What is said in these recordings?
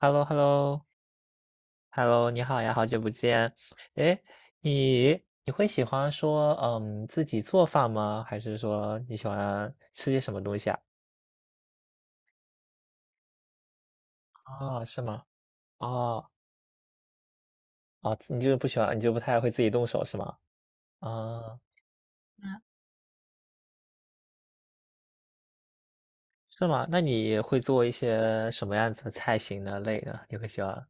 h e l l o h e l l o h e l l o 你好呀，好久不见。哎，你会喜欢说自己做饭吗？还是说你喜欢吃些什么东西啊？啊，是吗？哦哦，你就是不喜欢，你就不太会自己动手是吗？啊，是吗？那你会做一些什么样子的菜型的类呢？你会喜欢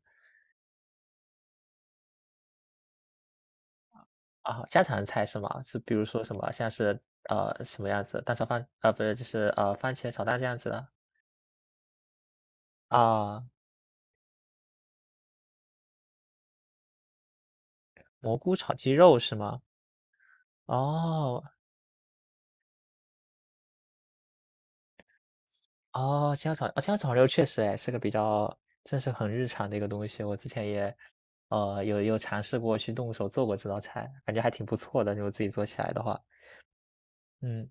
啊家常菜是吗？是比如说什么像是什么样子蛋炒饭啊，不是就是番茄炒蛋这样子的啊，蘑菇炒鸡肉是吗？哦，哦，家枣青椒炒肉确实哎，是个比较这是很日常的一个东西。我之前也，有尝试过去动手做过这道菜，感觉还挺不错的，如果自己做起来的话。嗯，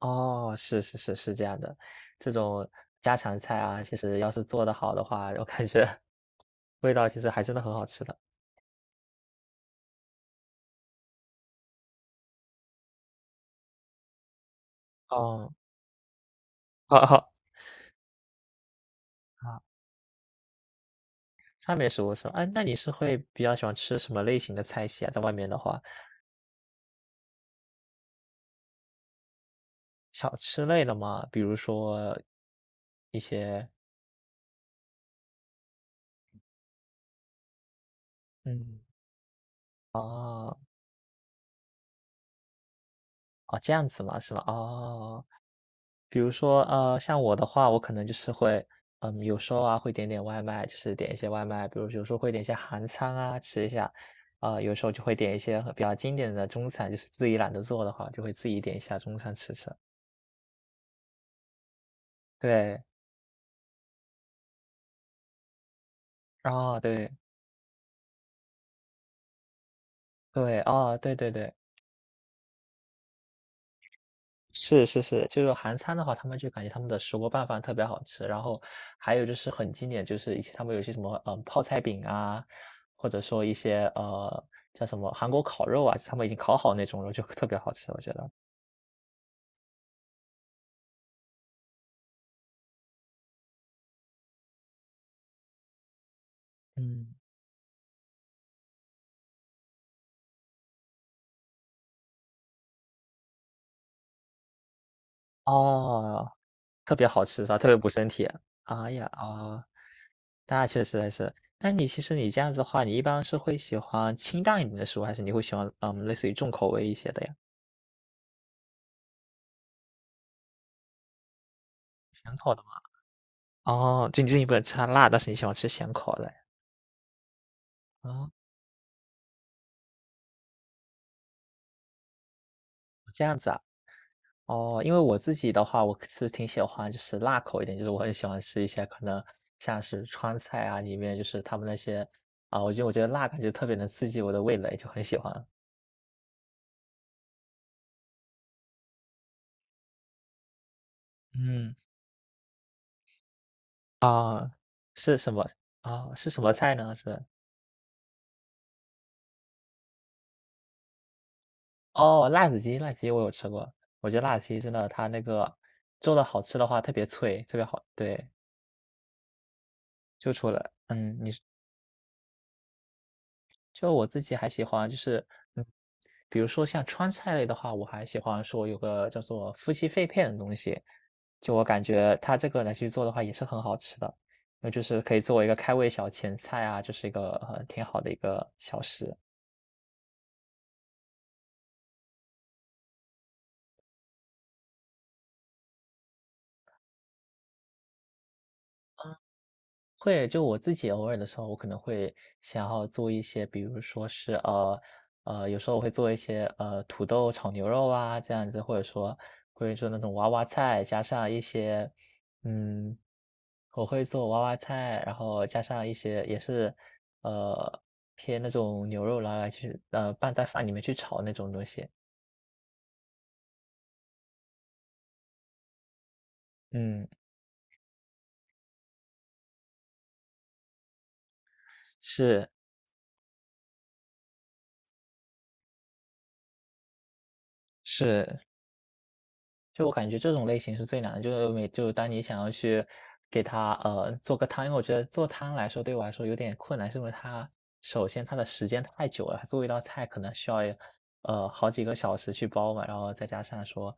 哦，是是是是这样的。这种家常菜啊，其实要是做得好的话，我感觉味道其实还真的很好吃的。哦，好好啊，啊川美食物是吧？哎，那你是会比较喜欢吃什么类型的菜系啊？在外面的话。小吃类的嘛，比如说一些嗯。哦，哦，这样子嘛，是吧？哦，比如说，像我的话，我可能就是会，有时候啊会点点外卖，就是点一些外卖，比如有时候会点一些韩餐啊吃一下，啊、有时候就会点一些比较经典的中餐，就是自己懒得做的话，就会自己点一下中餐吃吃。对，哦，对对，哦，对对对。是是是，就是韩餐的话，他们就感觉他们的石锅拌饭特别好吃，然后还有就是很经典，就是一些他们有些什么泡菜饼啊，或者说一些叫什么韩国烤肉啊，他们已经烤好那种肉就特别好吃，我觉得，嗯，哦，特别好吃是吧？特别补身体。哎呀哦，那确实还是。那你其实你这样子的话，你一般是会喜欢清淡一点的食物，还是你会喜欢类似于重口味一些的呀？咸口的嘛。哦，就你自己不能吃辣，但是你喜欢吃咸口的。哦，这样子啊。哦，因为我自己的话，我是挺喜欢就是辣口一点，就是我很喜欢吃一些可能像是川菜啊，里面就是他们那些啊，我觉得我觉得辣感觉特别能刺激我的味蕾，就很喜欢。嗯，啊，是什么啊？是什么菜呢？是哦，辣子鸡，辣子鸡我有吃过，我觉得辣子鸡真的它那个做的好吃的话特别脆，特别好。对，就除了你就我自己还喜欢就是，嗯，比如说像川菜类的话，我还喜欢说有个叫做夫妻肺片的东西，就我感觉它这个来去做的话也是很好吃的，那就是可以作为一个开胃小前菜啊，就是一个，挺好的一个小食。会，就我自己偶尔的时候，我可能会想要做一些，比如说是有时候我会做一些土豆炒牛肉啊这样子，或者说那种娃娃菜，加上一些嗯，我会做娃娃菜，然后加上一些也是呃偏那种牛肉拿来去拌在饭里面去炒那种东西。嗯，是是，就我感觉这种类型是最难的，就是每就当你想要去给它做个汤，因为我觉得做汤来说对我来说有点困难，是因为它首先它的时间太久了，它做一道菜可能需要好几个小时去煲嘛，然后再加上说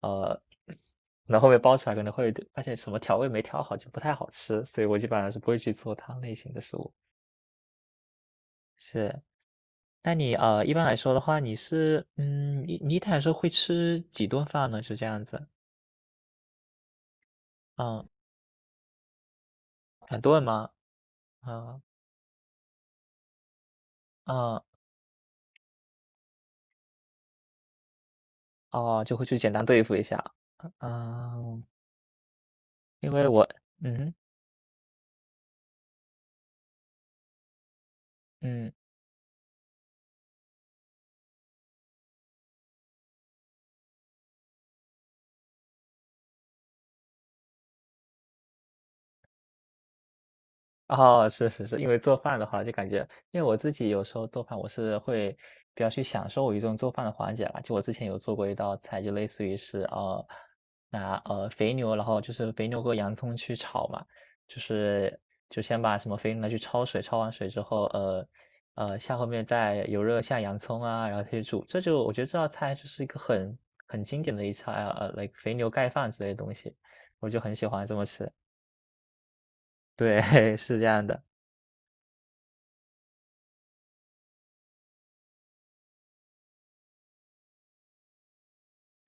呃，然后后面煲出来可能会发现什么调味没调好就不太好吃，所以我基本上是不会去做汤类型的食物。是，那你一般来说的话，你是你一天来说会吃几顿饭呢？是这样子，嗯，很多人吗？啊，啊，哦，就会去简单对付一下。啊，啊因为我嗯嗯。哦，是是是，因为做饭的话就感觉因为我自己有时候做饭，我是会比较去享受我一种做饭的环节啦。就我之前有做过一道菜，就类似于是拿肥牛，然后就是肥牛和洋葱去炒嘛，就是就先把什么肥牛拿去焯水，焯完水之后，下后面再油热下洋葱啊，然后去煮。这就我觉得这道菜就是一个很经典的一菜啊，like 肥牛盖饭之类的东西，我就很喜欢这么吃。对，是这样的，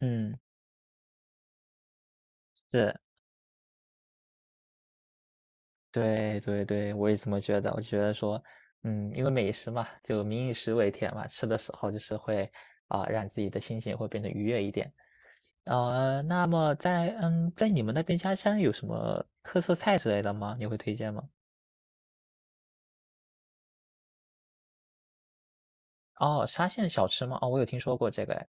嗯。是，对对对，我也这么觉得。我觉得说，因为美食嘛，就民以食为天嘛，吃的时候就是会啊、让自己的心情会变得愉悦一点。那么在你们那边家乡有什么特色菜之类的吗？你会推荐吗？哦，沙县小吃吗？哦，我有听说过这个哎。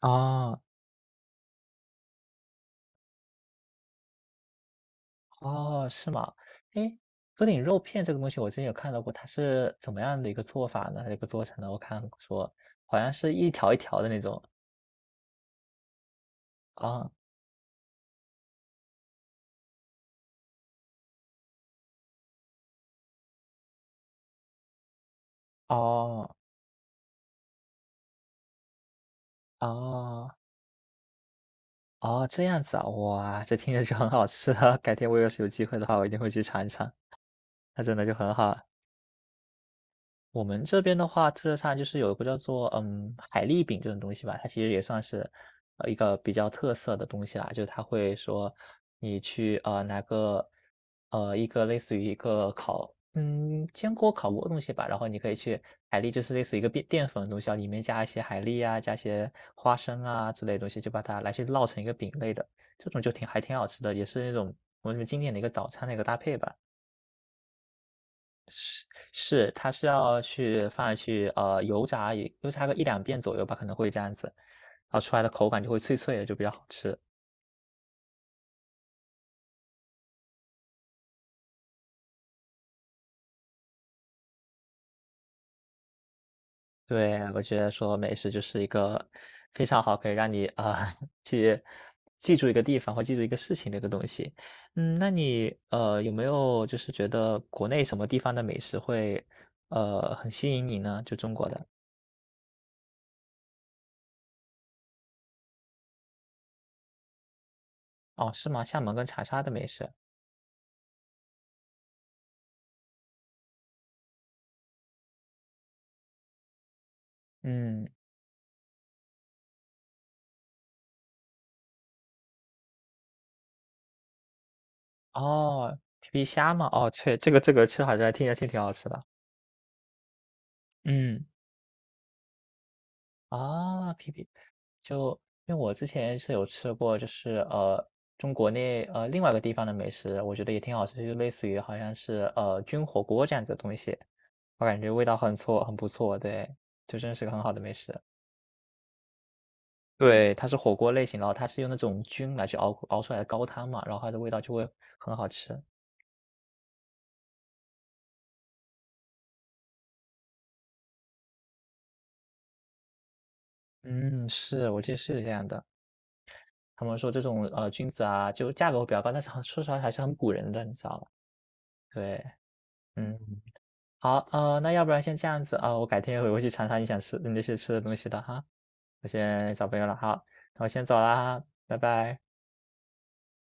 哦哦，是吗？诶，鸽顶肉片这个东西我之前有看到过，它是怎么样的一个做法呢？一个做成的？我看说好像是一条一条的那种啊。哦哦，哦，这样子啊，哇，这听着就很好吃啊，改天我要是有机会的话，我一定会去尝一尝，那真的就很好啊。我们这边的话，特色菜就是有一个叫做海蛎饼这种东西吧，它其实也算是一个比较特色的东西啦。就是它会说你去拿个一个类似于一个烤煎锅烤锅的东西吧，然后你可以去海蛎就是类似于一个淀粉的东西啊，里面加一些海蛎啊，加一些花生啊之类的东西，就把它来去烙成一个饼类的，这种就挺还挺好吃的，也是那种我们经典的一个早餐的一个搭配吧。是是，它是要去放下去，油炸也油炸个一两遍左右吧，可能会这样子，然后出来的口感就会脆脆的，就比较好吃。对，我觉得说美食就是一个非常好可以让你，啊，去记住一个地方或记住一个事情的一个东西。那你，有没有就是觉得国内什么地方的美食会，很吸引你呢？就中国的。哦，是吗？厦门跟长沙的美食，嗯。哦，皮皮虾嘛，哦，对，这个吃好像听着挺好吃的。嗯，啊，就因为我之前是有吃过，就是中国内另外一个地方的美食，我觉得也挺好吃，就类似于好像是菌火锅这样子的东西，我感觉味道很错，很不错，对，就真是个很好的美食。对，它是火锅类型，然后它是用那种菌来去熬出来的高汤嘛，然后它的味道就会很好吃。嗯，是，我记得是这样的。他们说这种，菌子啊，就价格会比较高，但是很说实话还是很唬人的，你知道吧？对，嗯，好，那要不然先这样子啊，我改天回会去尝尝你想吃你那些吃的东西的哈，我先找朋友了，好，那我先走啦，拜拜。